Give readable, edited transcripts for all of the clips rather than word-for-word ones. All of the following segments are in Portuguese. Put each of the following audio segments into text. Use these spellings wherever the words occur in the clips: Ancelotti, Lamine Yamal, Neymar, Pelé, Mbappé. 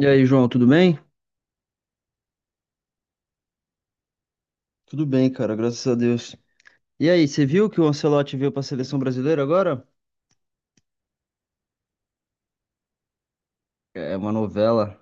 E aí, João, tudo bem? Tudo bem, cara, graças a Deus. E aí, você viu que o Ancelotti veio pra seleção brasileira agora? É uma novela.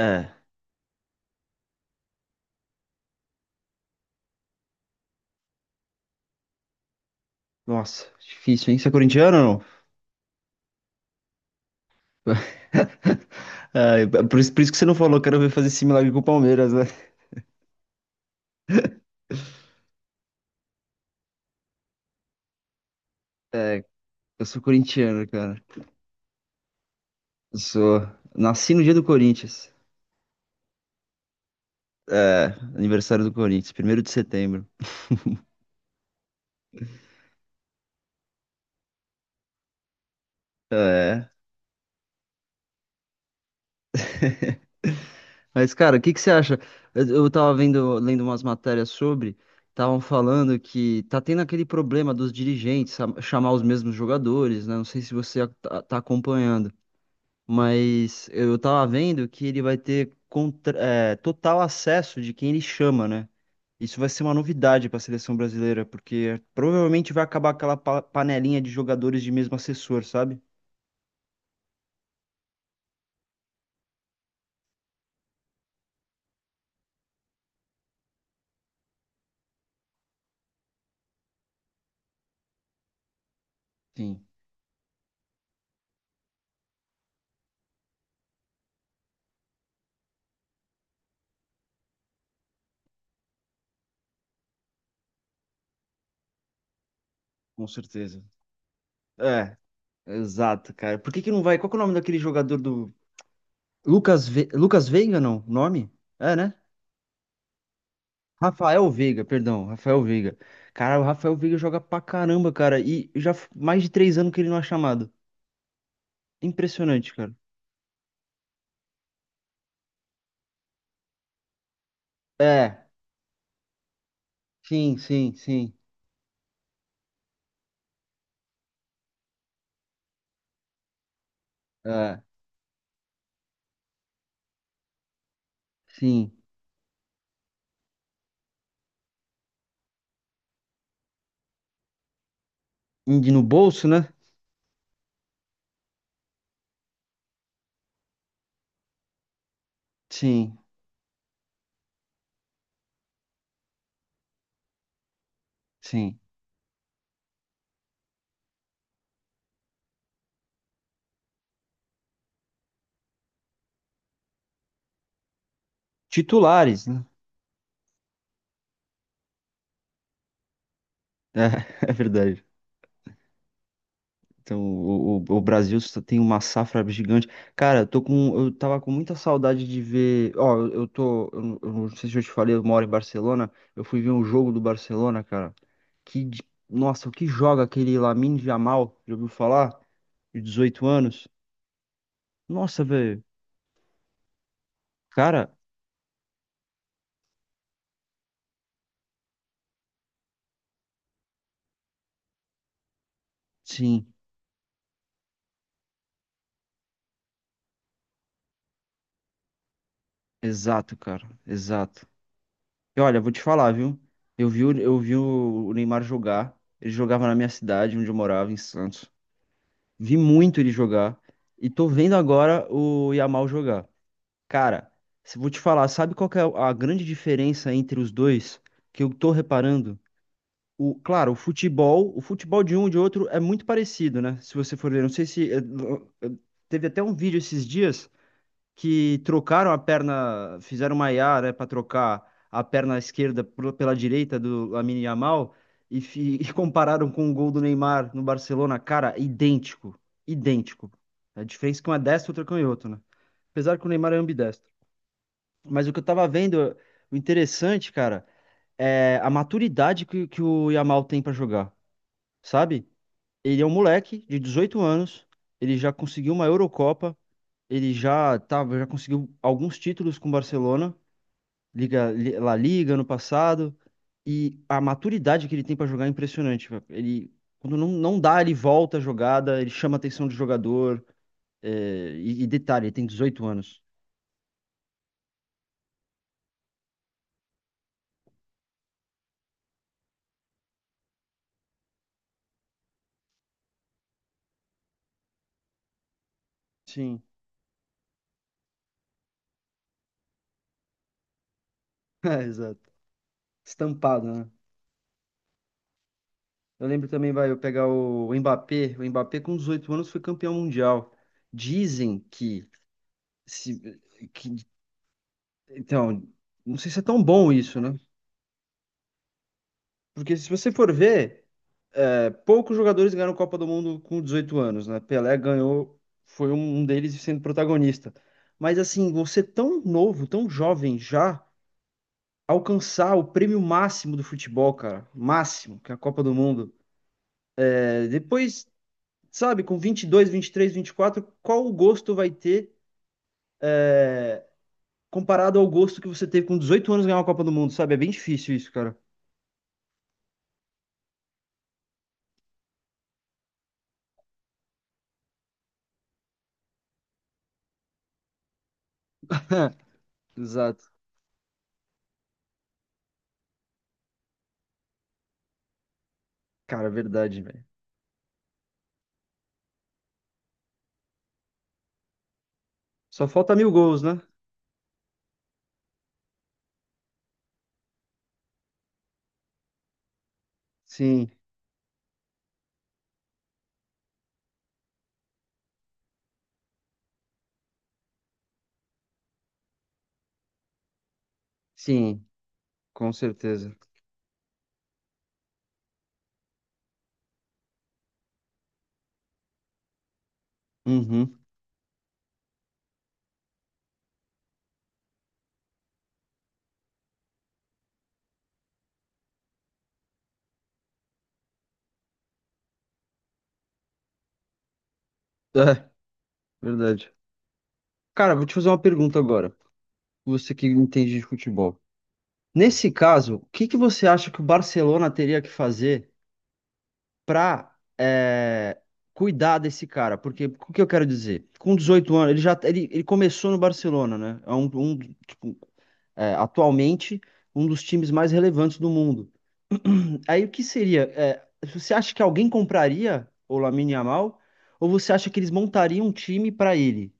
É, nossa, difícil, hein? Você é corintiano ou não? É, por isso que você não falou, quero ver fazer esse milagre com o Palmeiras, né? É, eu sou corintiano, cara. Eu sou. Nasci no dia do Corinthians. É, aniversário do Corinthians, primeiro de setembro. É. Mas, cara, o que que você acha? Eu tava vendo, lendo umas matérias sobre, estavam falando que tá tendo aquele problema dos dirigentes chamar os mesmos jogadores, né? Não sei se você tá acompanhando, mas eu tava vendo que ele vai ter total acesso de quem ele chama, né? Isso vai ser uma novidade para a seleção brasileira, porque provavelmente vai acabar aquela panelinha de jogadores de mesmo assessor, sabe? Sim, com certeza. É, exato, cara. Por que que não vai? Qual que é o nome daquele jogador do Lucas, Lucas Veiga, não? O nome? É, né? Rafael Veiga, perdão, Rafael Veiga. Cara, o Rafael Veiga joga pra caramba, cara. E já mais de 3 anos que ele não é chamado. Impressionante, cara. É, sim. É, sim. Indi no bolso, né? Sim, sim. Titulares, né? É, é verdade. Então, o Brasil só tem uma safra gigante. Cara, eu tô com, eu tava com muita saudade de ver. Ó, eu tô. Eu não sei se eu te falei, eu moro em Barcelona. Eu fui ver um jogo do Barcelona, cara. Que, de- nossa, o que joga aquele Lamine Yamal? Já ouviu falar? De 18 anos. Nossa, velho. Cara, sim, exato, cara, exato. E olha, vou te falar, viu? Eu vi o Neymar jogar. Ele jogava na minha cidade, onde eu morava, em Santos. Vi muito ele jogar e tô vendo agora o Yamal jogar. Cara, se vou te falar, sabe qual que é a grande diferença entre os dois que eu tô reparando? O, claro, o futebol de um e de outro é muito parecido, né? Se você for ver, não sei se eh, teve até um vídeo esses dias que trocaram a perna, fizeram uma IA, né, para trocar a perna esquerda pela direita do Lamine Yamal e, e compararam com o gol do Neymar no Barcelona, cara, idêntico, idêntico. A diferença é que um é destro, outro é canhoto, né? Apesar que o Neymar é ambidestro. Mas o que eu tava vendo, o interessante, cara, é a maturidade que o Yamal tem pra jogar, sabe? Ele é um moleque de 18 anos, ele já conseguiu uma Eurocopa, já conseguiu alguns títulos com o Barcelona, La Liga no passado, e a maturidade que ele tem para jogar é impressionante, velho. Ele, quando não dá, ele volta a jogada, ele chama a atenção do jogador. E detalhe, ele tem 18 anos. Sim, é, exato. Estampado, né? Eu lembro também, vai, eu pegar o Mbappé. O Mbappé, com 18 anos, foi campeão mundial. Dizem que, se, que. Então, não sei se é tão bom isso, né? Porque se você for ver, poucos jogadores ganharam Copa do Mundo com 18 anos, né? Pelé ganhou, foi um deles sendo protagonista. Mas assim, você tão novo, tão jovem já alcançar o prêmio máximo do futebol, cara, máximo, que é a Copa do Mundo. É, depois, sabe, com 22, 23, 24, qual o gosto vai ter comparado ao gosto que você teve com 18 anos ganhar uma Copa do Mundo, sabe? É bem difícil isso, cara. Exato. Cara, verdade, velho. Só falta 1.000 gols, né? Sim, sim, com certeza. Uhum. Verdade. Cara, vou te fazer uma pergunta agora. Você que entende de futebol. Nesse caso, o que que você acha que o Barcelona teria que fazer para cuidar desse cara? Porque o que eu quero dizer? Com 18 anos, ele já tá, ele começou no Barcelona, né? É um, tipo, é, atualmente um dos times mais relevantes do mundo. Aí o que seria? Você acha que alguém compraria o Lamine Yamal? Ou você acha que eles montariam um time para ele?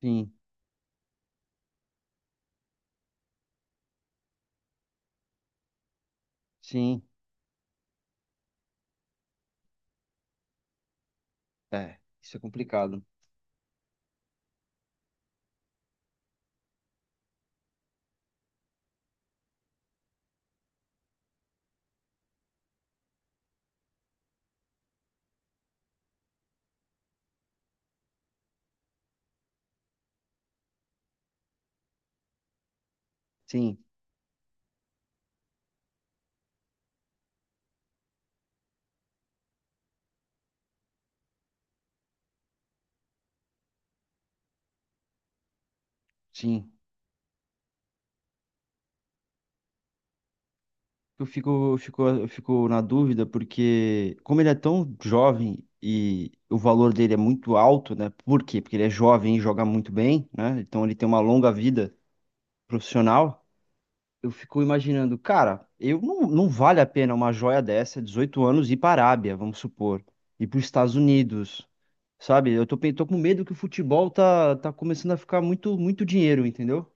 Sim, sim. É, isso é complicado. Sim, sim. Eu fico na dúvida porque, como ele é tão jovem e o valor dele é muito alto, né? Por quê? Porque ele é jovem e joga muito bem, né? Então ele tem uma longa vida profissional. Eu fico imaginando, cara, eu não, não vale a pena uma joia dessa, 18 anos, ir para a Arábia, vamos supor, ir para os Estados Unidos, sabe? Tô com medo que o futebol tá começando a ficar muito dinheiro, entendeu?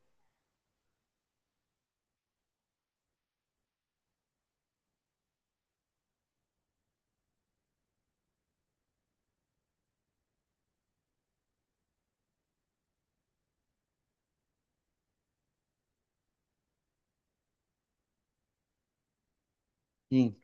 Sim,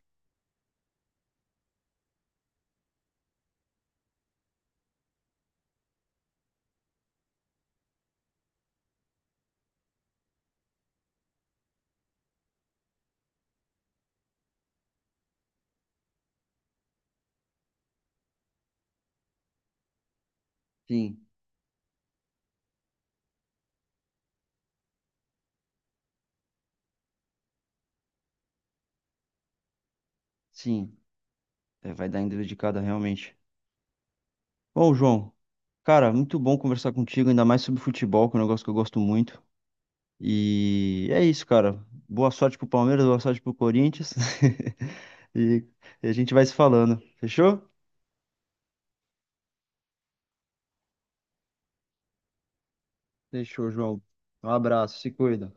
sim, sim. É, vai dar em dedicada realmente. Ô, João, cara, muito bom conversar contigo, ainda mais sobre futebol, que é um negócio que eu gosto muito. E é isso, cara. Boa sorte pro Palmeiras, boa sorte pro Corinthians. E e a gente vai se falando. Fechou? Fechou, João. Um abraço, se cuida.